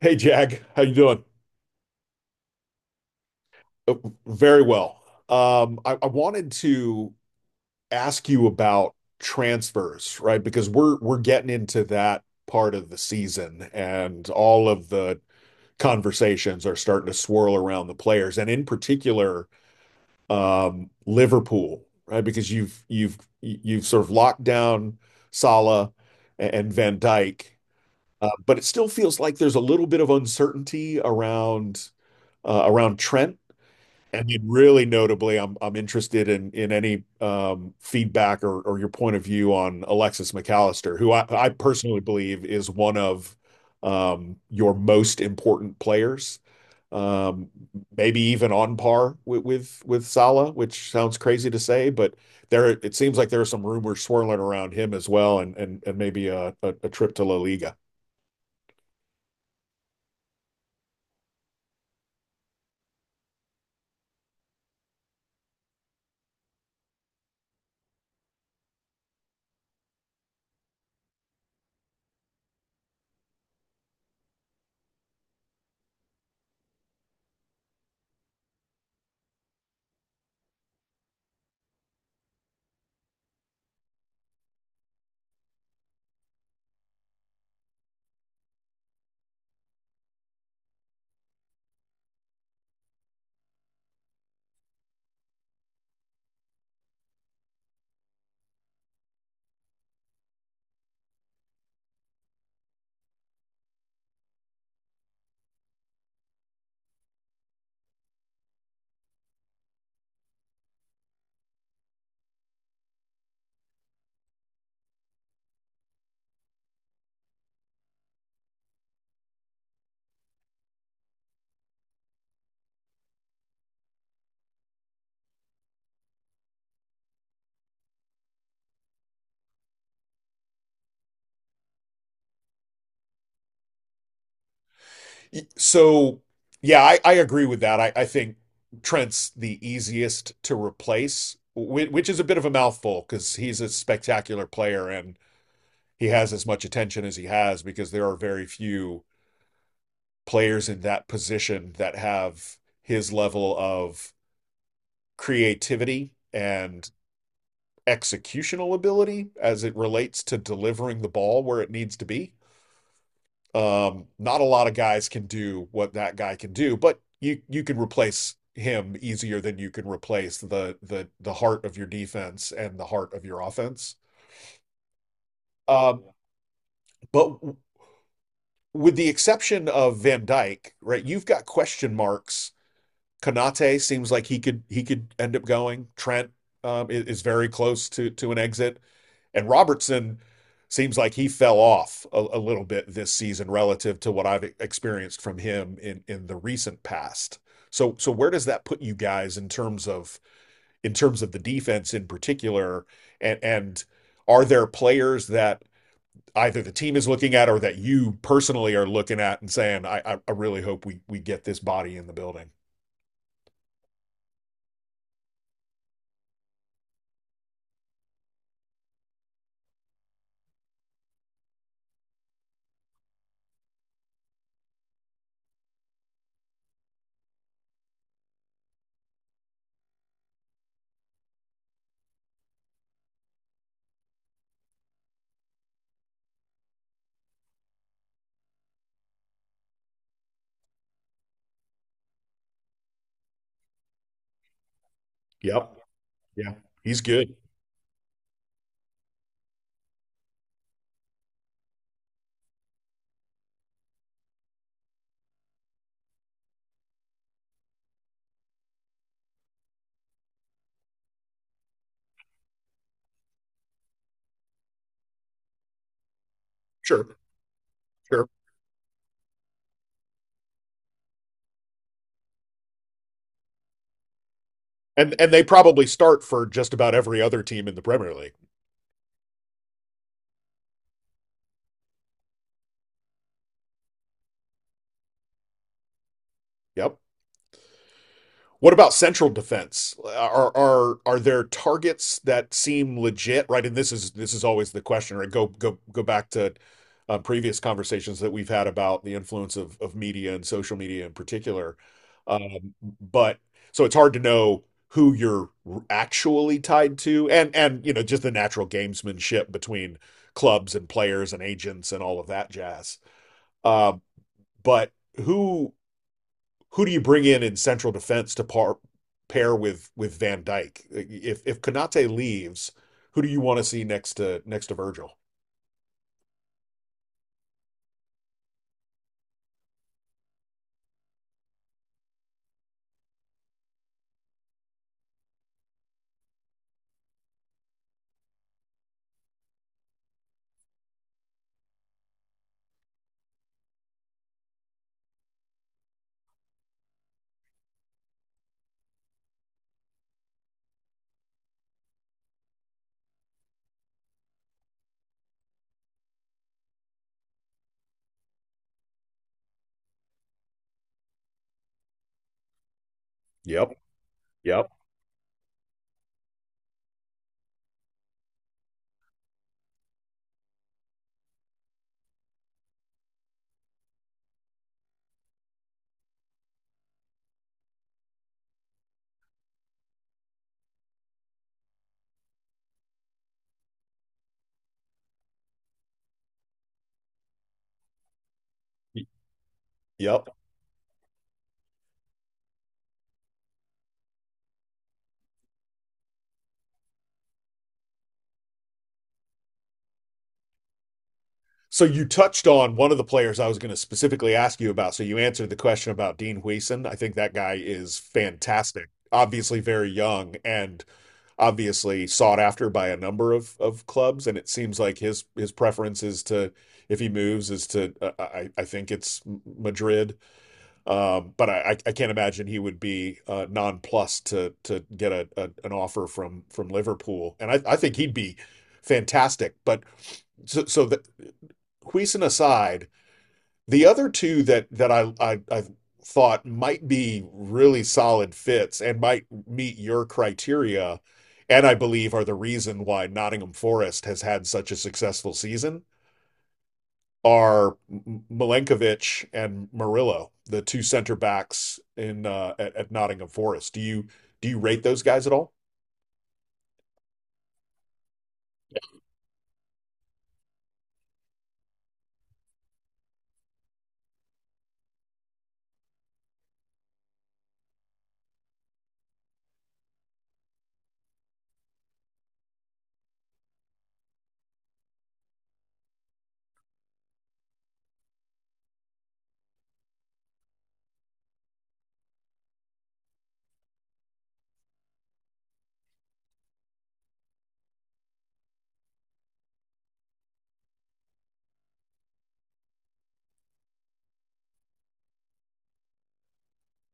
Hey Jag, how you doing? Uh, Very well. I wanted to ask you about transfers, right? Because we're getting into that part of the season, and all of the conversations are starting to swirl around the players, and in particular, Liverpool, right? Because you've sort of locked down Salah and Van Dijk, but it still feels like there's a little bit of uncertainty around around Trent. And then really notably, I'm interested in any feedback or your point of view on Alexis McAllister, who I personally believe is one of your most important players, um, maybe even on par with, with Salah, which sounds crazy to say, but there it seems like there are some rumors swirling around him as well, and maybe a trip to La Liga. So, yeah, I agree with that. I think Trent's the easiest to replace, which is a bit of a mouthful because he's a spectacular player and he has as much attention as he has because there are very few players in that position that have his level of creativity and executional ability as it relates to delivering the ball where it needs to be. Not a lot of guys can do what that guy can do, but you can replace him easier than you can replace the heart of your defense and the heart of your offense. Um, but with the exception of Van Dyke, right? You've got question marks. Kanate seems like he could end up going. Trent is very close to an exit. And Robertson seems like he fell off a little bit this season relative to what I've experienced from him in the recent past. So where does that put you guys in terms of the defense in particular and are there players that either the team is looking at or that you personally are looking at and saying I really hope we get this body in the building. Yep. Yeah. He's good. Sure. Sure. And they probably start for just about every other team in the Premier League. Yep. What about central defense? Are there targets that seem legit, right? And this is always the question, right? Go back to previous conversations that we've had about the influence of media and social media in particular. Um, but so it's hard to know who you're actually tied to, and you know just the natural gamesmanship between clubs and players and agents and all of that jazz. Uh, but who who do you bring in central defense to par, pair with Van Dyke? If Konate leaves, who do you want to see next to next to Virgil? Yep. Yep. Yep. So you touched on one of the players I was going to specifically ask you about. So you answered the question about Dean Hueson. I think that guy is fantastic. Obviously very young and obviously sought after by a number of clubs. And it seems like his preference is to if he moves is to I think it's Madrid. But I can't imagine he would be nonplussed to get a an offer from Liverpool, and I think he'd be fantastic. But so so that Huijsen aside, the other two that that I thought might be really solid fits and might meet your criteria, and I believe are the reason why Nottingham Forest has had such a successful season are Milenkovic and Murillo, the two center backs in at Nottingham Forest. Do you rate those guys at all?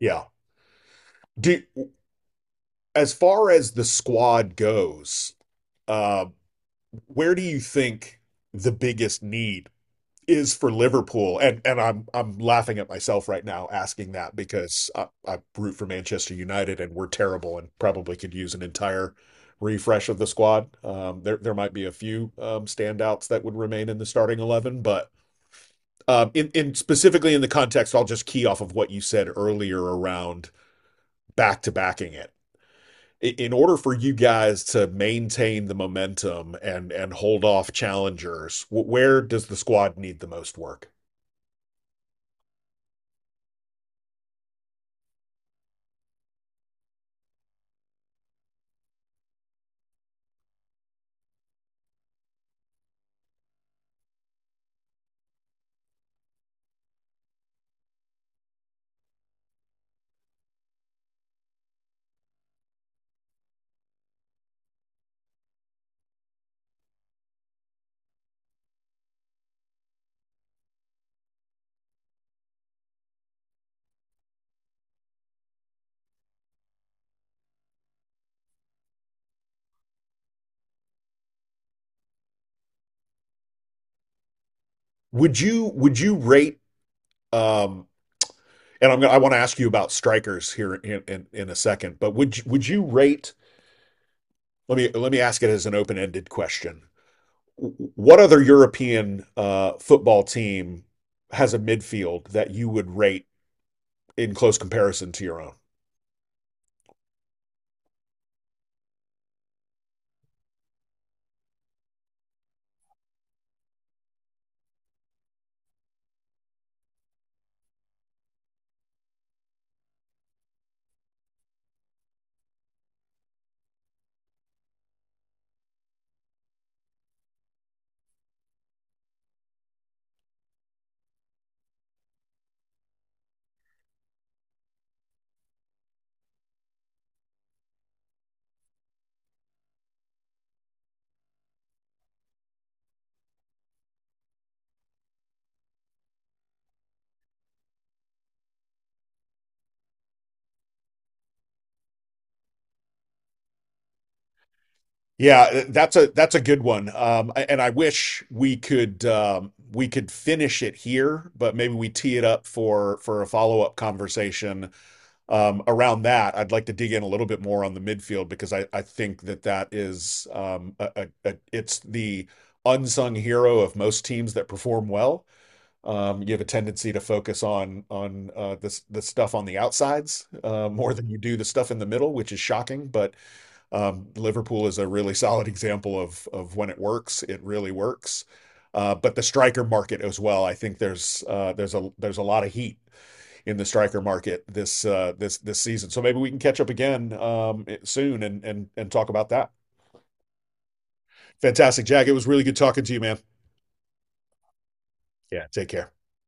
Yeah. Do as far as the squad goes, uh, where do you think the biggest need is for Liverpool, and I'm laughing at myself right now asking that because I root for Manchester United and we're terrible and probably could use an entire refresh of the squad. There might be a few standouts that would remain in the starting eleven, but in specifically in the context, I'll just key off of what you said earlier around back to backing it. In order for you guys to maintain the momentum and hold off challengers, where does the squad need the most work? Would you rate um and I want to ask you about strikers here in a second, but would you rate let me ask it as an open-ended question. What other European football team has a midfield that you would rate in close comparison to your own? Yeah, that's a good one. And I wish we could finish it here, but maybe we tee it up for a follow-up conversation around that. I'd like to dig in a little bit more on the midfield because I think that that is it's the unsung hero of most teams that perform well. You have a tendency to focus on this the stuff on the outsides more than you do the stuff in the middle, which is shocking, but. Liverpool is a really solid example of when it works, it really works. But the striker market as well, I think there's a lot of heat in the striker market this season. So maybe we can catch up again soon and talk about that. Fantastic, Jack. It was really good talking to you, man. Yeah. Take care.